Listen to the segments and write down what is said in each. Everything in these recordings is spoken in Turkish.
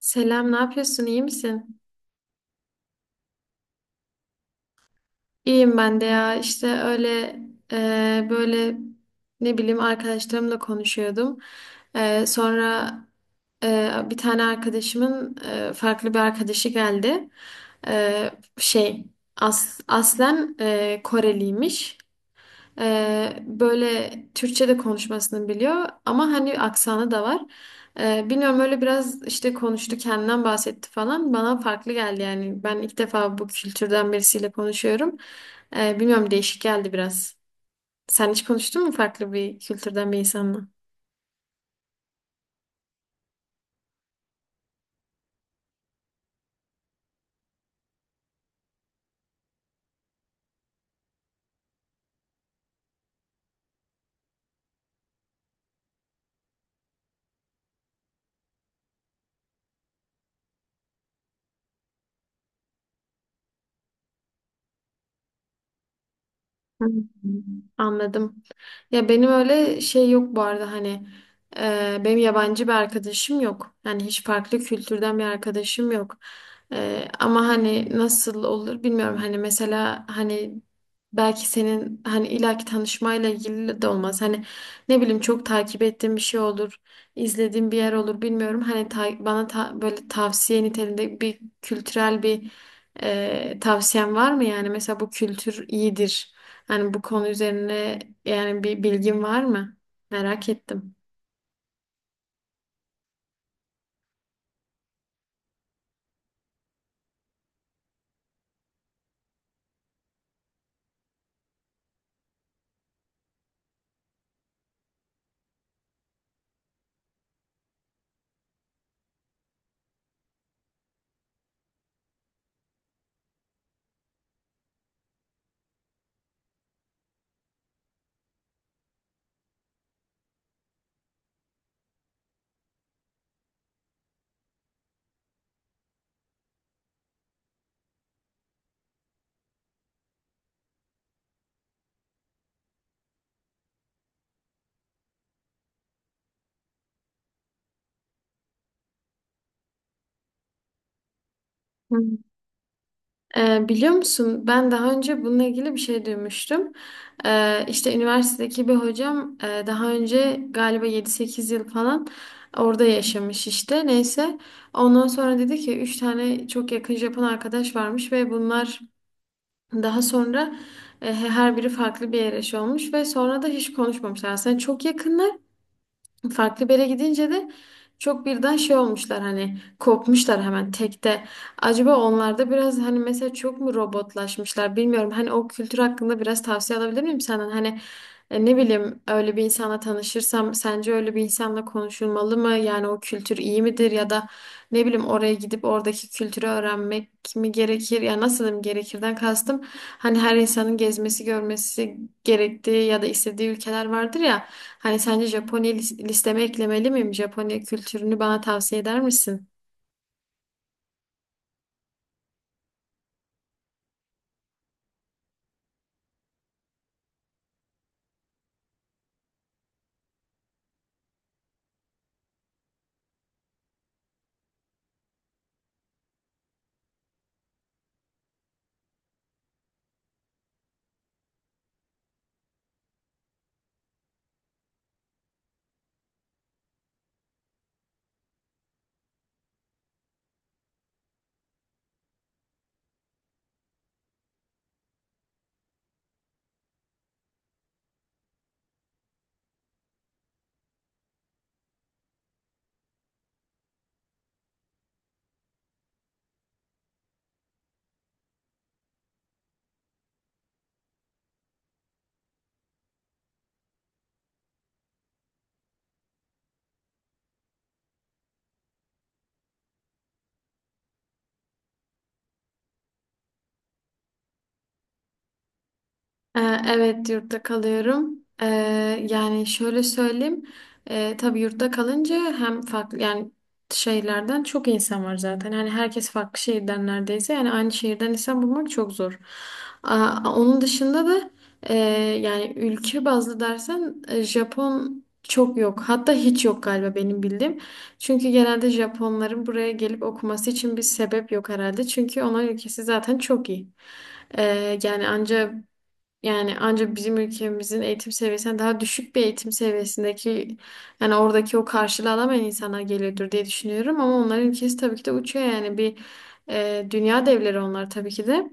Selam, ne yapıyorsun? İyi misin? İyiyim ben de ya. İşte öyle böyle ne bileyim arkadaşlarımla konuşuyordum. Sonra bir tane arkadaşımın farklı bir arkadaşı geldi. E, şey aslen Koreliymiş. Böyle Türkçe de konuşmasını biliyor ama hani aksanı da var. Bilmiyorum öyle biraz işte konuştu kendinden bahsetti falan bana farklı geldi yani ben ilk defa bu kültürden birisiyle konuşuyorum. Bilmiyorum değişik geldi biraz. Sen hiç konuştun mu farklı bir kültürden bir insanla? Hı, anladım. Ya benim öyle şey yok bu arada hani benim yabancı bir arkadaşım yok. Yani hiç farklı kültürden bir arkadaşım yok. Ama hani nasıl olur bilmiyorum. Hani mesela hani belki senin hani illaki tanışmayla ilgili de olmaz. Hani ne bileyim çok takip ettiğim bir şey olur. izlediğim bir yer olur bilmiyorum. Hani bana böyle tavsiye niteliğinde bir kültürel bir tavsiyen var mı? Yani mesela bu kültür iyidir. Yani bu konu üzerine yani bir bilgin var mı? Merak ettim. Hı. Biliyor musun ben daha önce bununla ilgili bir şey duymuştum. İşte üniversitedeki bir hocam daha önce galiba 7-8 yıl falan orada yaşamış işte. Neyse ondan sonra dedi ki 3 tane çok yakın Japon arkadaş varmış ve bunlar daha sonra her biri farklı bir yere şey olmuş ve sonra da hiç konuşmamışlar. Aslında çok yakınlar. Farklı bir yere gidince de çok birden şey olmuşlar hani kopmuşlar hemen tekte. Acaba onlarda biraz hani mesela çok mu robotlaşmışlar bilmiyorum. Hani o kültür hakkında biraz tavsiye alabilir miyim senden? Hani ne bileyim öyle bir insanla tanışırsam sence öyle bir insanla konuşulmalı mı? Yani o kültür iyi midir ya da ne bileyim oraya gidip oradaki kültürü öğrenmek mi gerekir? Ya nasıl diyeyim gerekirden kastım hani her insanın gezmesi, görmesi gerektiği ya da istediği ülkeler vardır ya. Hani sence Japonya listeme eklemeli miyim? Japonya kültürünü bana tavsiye eder misin? Ee, Evet, yurtta kalıyorum. Yani şöyle söyleyeyim. Tabii yurtta kalınca hem farklı yani şehirlerden çok insan var zaten. Hani herkes farklı şehirden neredeyse. Yani aynı şehirden insan bulmak çok zor. Aa, onun dışında da e, yani ülke bazlı dersen Japon çok yok. Hatta hiç yok galiba benim bildiğim. Çünkü genelde Japonların buraya gelip okuması için bir sebep yok herhalde. Çünkü onların ülkesi zaten çok iyi. Yani ancak bizim ülkemizin eğitim seviyesinden daha düşük bir eğitim seviyesindeki yani oradaki o karşılığı alamayan insanlar geliyordur diye düşünüyorum ama onların ülkesi tabii ki de uçuyor yani bir dünya devleri onlar tabii ki de.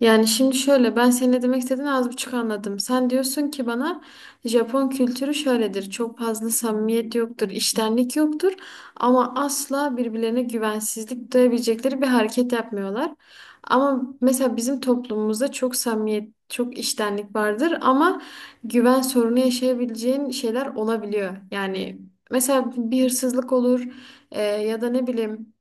Yani şimdi şöyle ben senin ne demek istediğini az buçuk anladım. Sen diyorsun ki bana Japon kültürü şöyledir. Çok fazla samimiyet yoktur, içtenlik yoktur ama asla birbirlerine güvensizlik duyabilecekleri bir hareket yapmıyorlar. Ama mesela bizim toplumumuzda çok samimiyet, çok içtenlik vardır ama güven sorunu yaşayabileceğin şeyler olabiliyor. Yani mesela bir hırsızlık olur ya da ne bileyim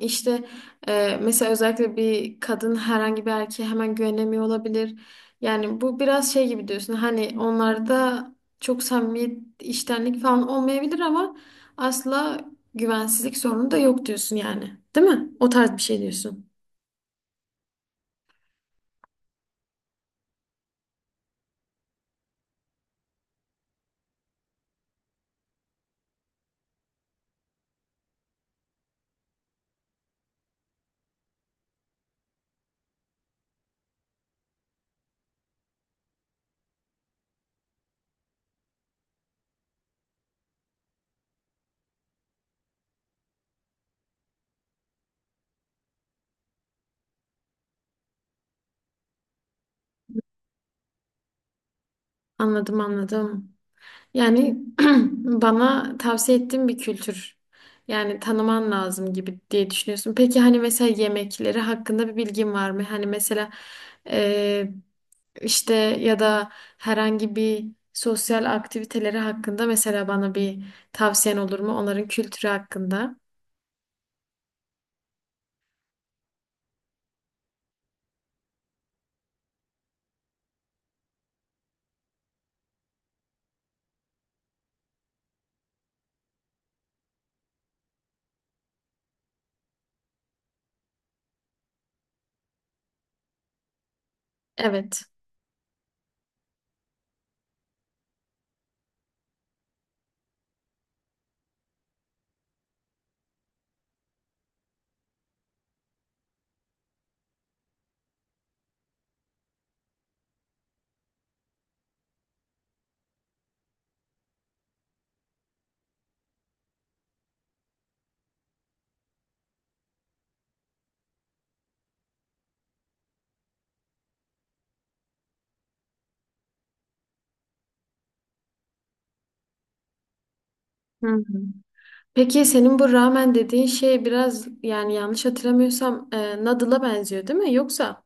işte mesela özellikle bir kadın herhangi bir erkeğe hemen güvenemiyor olabilir. Yani bu biraz şey gibi diyorsun. Hani onlarda çok samimiyet, iştenlik falan olmayabilir ama asla güvensizlik sorunu da yok diyorsun yani. Değil mi? O tarz bir şey diyorsun. Anladım, anladım. Yani bana tavsiye ettiğin bir kültür. Yani tanıman lazım gibi diye düşünüyorsun. Peki hani mesela yemekleri hakkında bir bilgin var mı? Hani mesela eee, işte ya da herhangi bir sosyal aktiviteleri hakkında mesela bana bir tavsiyen olur mu? Onların kültürü hakkında. Evet. Hı hı. Peki senin bu ramen dediğin şey biraz yani yanlış hatırlamıyorsam noodle'a benziyor değil mi? Yoksa?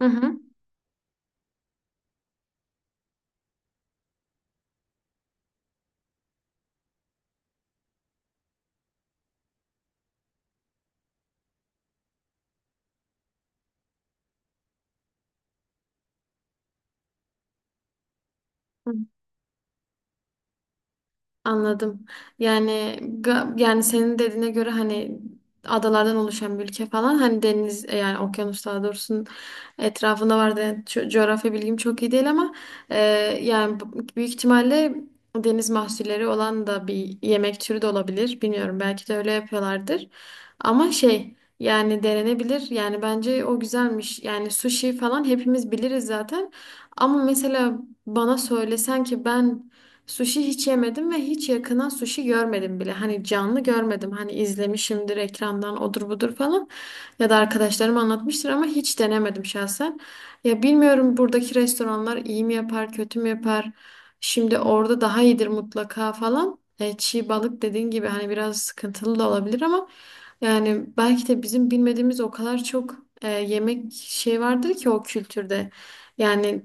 Hı hı. Anladım. Yani yani senin dediğine göre hani adalardan oluşan bir ülke falan hani deniz yani okyanus daha doğrusu etrafında var da coğrafya bilgim çok iyi değil ama e, yani büyük ihtimalle deniz mahsulleri olan da bir yemek türü de olabilir. Bilmiyorum belki de öyle yapıyorlardır. Ama şey yani denenebilir. Yani bence o güzelmiş. Yani sushi falan hepimiz biliriz zaten. Ama mesela bana söylesen ki ben sushi hiç yemedim ve hiç yakından sushi görmedim bile. Hani canlı görmedim. Hani izlemişimdir ekrandan odur budur falan. Ya da arkadaşlarım anlatmıştır ama hiç denemedim şahsen. Ya bilmiyorum buradaki restoranlar iyi mi yapar, kötü mü yapar? Şimdi orada daha iyidir mutlaka falan. Çiğ balık dediğin gibi hani biraz sıkıntılı da olabilir ama yani belki de bizim bilmediğimiz o kadar çok yemek şey vardır ki o kültürde. Yani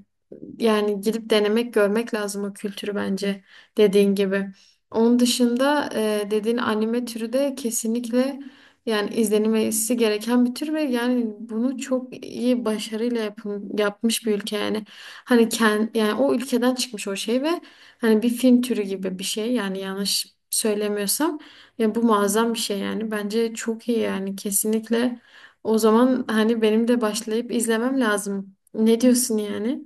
yani gidip denemek, görmek lazım o kültürü bence dediğin gibi. Onun dışında dediğin anime türü de kesinlikle yani izlenmesi gereken bir tür ve yani bunu çok iyi başarıyla yapmış bir ülke yani. Hani yani o ülkeden çıkmış o şey ve hani bir film türü gibi bir şey yani yanlış söylemiyorsam ya bu muazzam bir şey yani. Bence çok iyi yani kesinlikle. O zaman hani benim de başlayıp izlemem lazım. Ne diyorsun yani?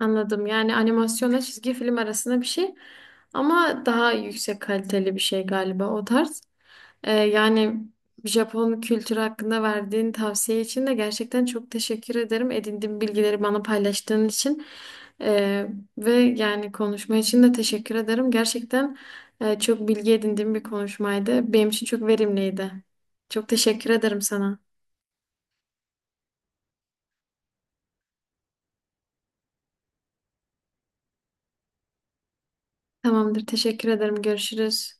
Anladım. Yani animasyonla çizgi film arasında bir şey ama daha yüksek kaliteli bir şey galiba o tarz. Yani Japon kültürü hakkında verdiğin tavsiye için de gerçekten çok teşekkür ederim. Edindiğim bilgileri bana paylaştığın için Ee, ve yani konuşma için de teşekkür ederim. Gerçekten çok bilgi edindiğim bir konuşmaydı. Benim için çok verimliydi. Çok teşekkür ederim sana. Tamamdır. Teşekkür ederim. Görüşürüz.